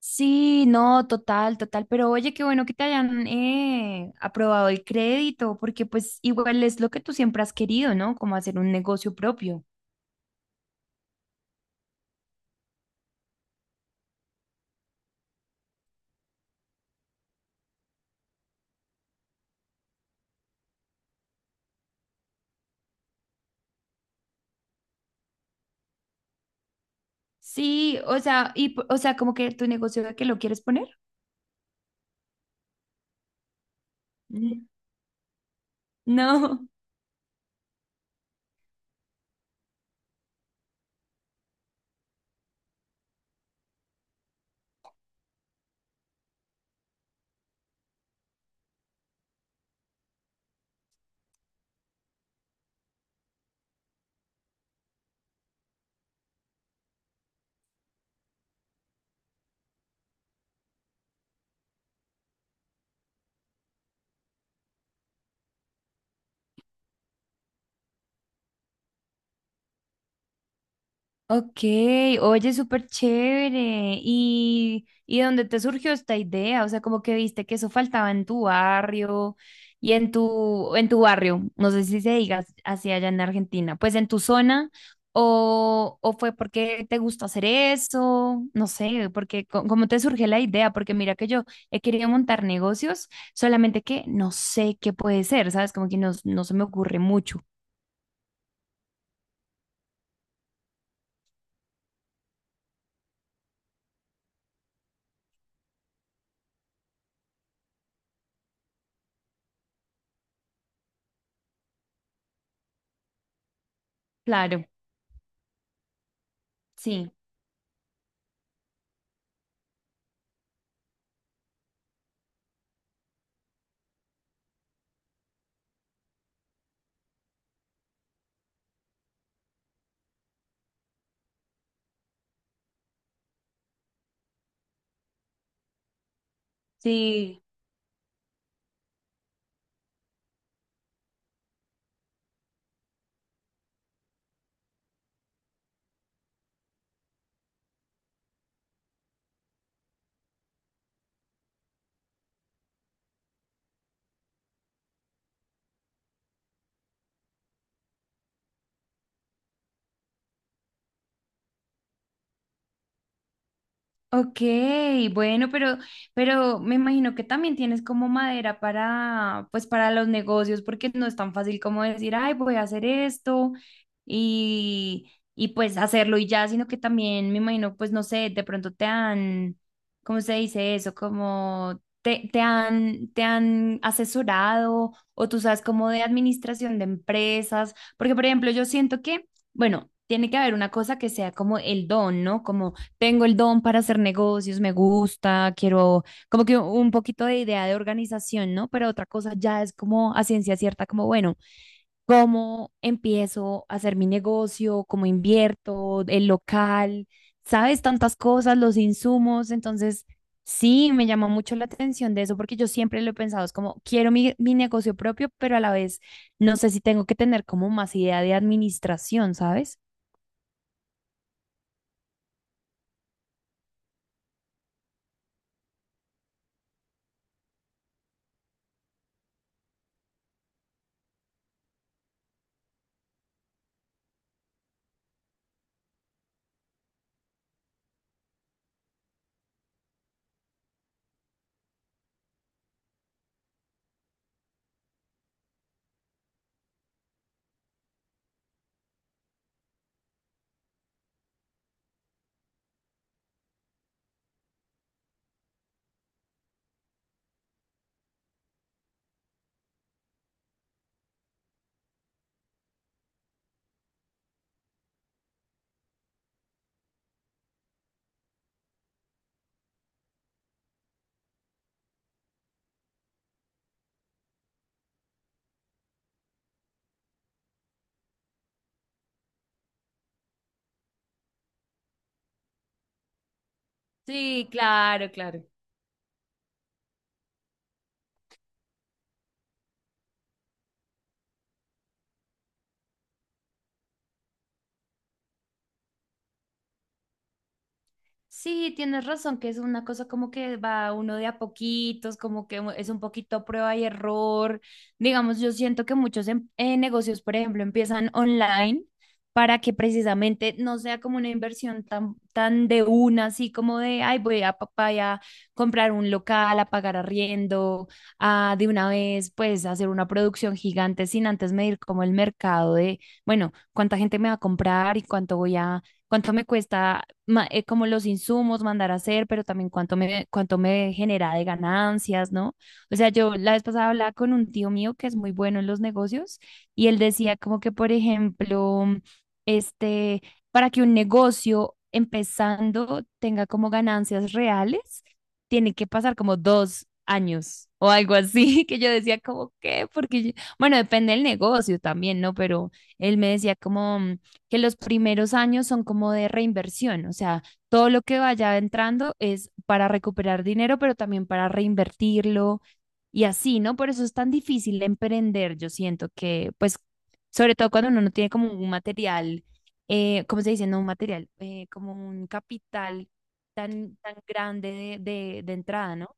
Sí, no, total, total, pero oye, qué bueno que te hayan aprobado el crédito, porque pues igual es lo que tú siempre has querido, ¿no? Como hacer un negocio propio. Sí, o sea, o sea, como que tu negocio de que lo quieres poner. Mm. No. Ok, oye, súper chévere. Y dónde te surgió esta idea? O sea, como que viste que eso faltaba en tu barrio y en tu barrio, no sé si se diga así allá en Argentina, pues en tu zona, o fue porque te gustó hacer eso, no sé, porque cómo te surgió la idea, porque mira que yo he querido montar negocios, solamente que no sé qué puede ser, ¿sabes? Como que no, no se me ocurre mucho. Claro, sí. Sí, ok, bueno, pero me imagino que también tienes como madera para, pues para los negocios, porque no es tan fácil como decir, ay, voy a hacer esto y pues hacerlo y ya, sino que también me imagino, pues no sé, de pronto te han, ¿cómo se dice eso? Como te, te han asesorado o tú sabes como de administración de empresas, porque por ejemplo, yo siento que, bueno, tiene que haber una cosa que sea como el don, ¿no? Como tengo el don para hacer negocios, me gusta, quiero como que un poquito de idea de organización, ¿no? Pero otra cosa ya es como a ciencia cierta, como bueno, ¿cómo empiezo a hacer mi negocio? ¿Cómo invierto? ¿El local? ¿Sabes? Tantas cosas, los insumos. Entonces, sí, me llamó mucho la atención de eso porque yo siempre lo he pensado, es como quiero mi, mi negocio propio, pero a la vez no sé si tengo que tener como más idea de administración, ¿sabes? Sí, claro, claro. Sí, tienes razón, que es una cosa como que va uno de a poquitos, como que es un poquito prueba y error. Digamos, yo siento que muchos negocios, por ejemplo, empiezan online para que precisamente no sea como una inversión tan, tan de una, así como de, ay, voy a papá a comprar un local, a pagar arriendo, a de una vez, pues, hacer una producción gigante sin antes medir como el mercado de, bueno, cuánta gente me va a comprar y cuánto voy a cuánto me cuesta como los insumos mandar a hacer, pero también cuánto me genera de ganancias, ¿no? O sea, yo la vez pasada hablaba con un tío mío que es muy bueno en los negocios y él decía como que, por ejemplo, este, para que un negocio empezando tenga como ganancias reales, tiene que pasar como 2 años o algo así, que yo decía como que, porque, bueno, depende del negocio también, ¿no? Pero él me decía como que los primeros años son como de reinversión, o sea, todo lo que vaya entrando es para recuperar dinero, pero también para reinvertirlo y así, ¿no? Por eso es tan difícil emprender, yo siento que, pues, sobre todo cuando uno no tiene como un material, ¿cómo se dice? No un material, como un capital tan, tan grande de entrada, ¿no?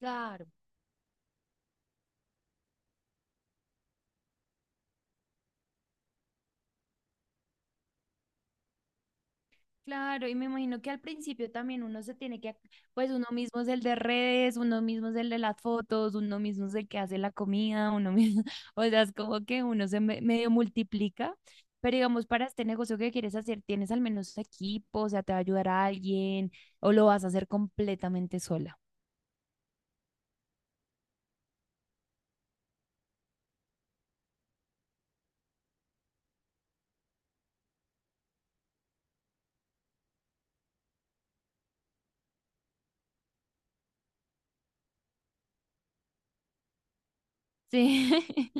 Claro. Claro, y me imagino que al principio también uno se tiene que, pues uno mismo es el de redes, uno mismo es el de las fotos, uno mismo es el que hace la comida, uno mismo, o sea, es como que uno medio multiplica, pero digamos, para este negocio que quieres hacer, ¿tienes al menos equipo? O sea, ¿te va a ayudar a alguien o lo vas a hacer completamente sola? Sí.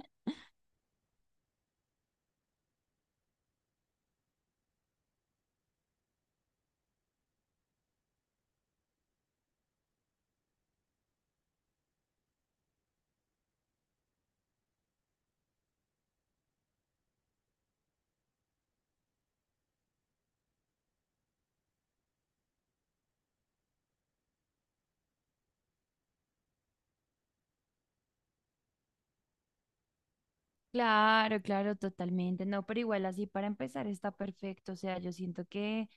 Claro, claro, totalmente. No, pero igual así para empezar está perfecto. O sea, yo siento que,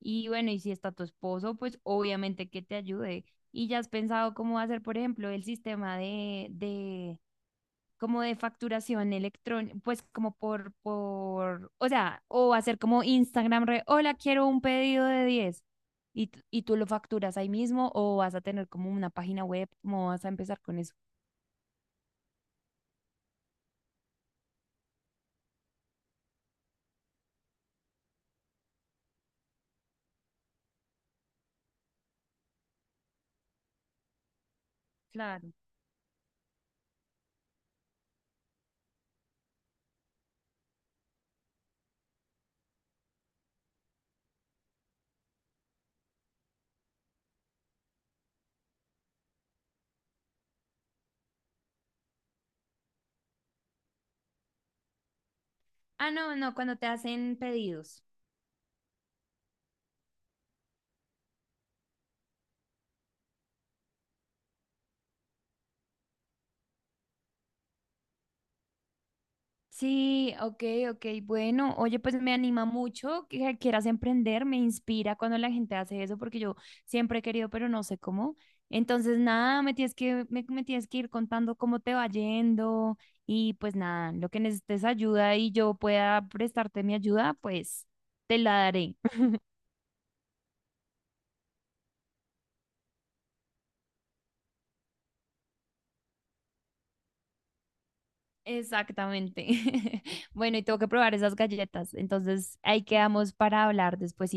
y bueno, y si está tu esposo, pues obviamente que te ayude. Y ya has pensado cómo hacer, por ejemplo, el sistema de, como de facturación electrónica, pues como por, o sea, o hacer como Instagram, re, hola, quiero un pedido de 10 y, y tú lo facturas ahí mismo o vas a tener como una página web, ¿cómo vas a empezar con eso? Claro. Ah, no, no, cuando te hacen pedidos. Sí, ok, ok, bueno, oye, pues me anima mucho que quieras emprender, me inspira cuando la gente hace eso, porque yo siempre he querido, pero no sé cómo. Entonces, nada, me tienes que, me tienes que ir contando cómo te va yendo y pues nada, lo que necesites ayuda y yo pueda prestarte mi ayuda, pues te la daré. Exactamente. Bueno, y tengo que probar esas galletas, entonces ahí quedamos para hablar después.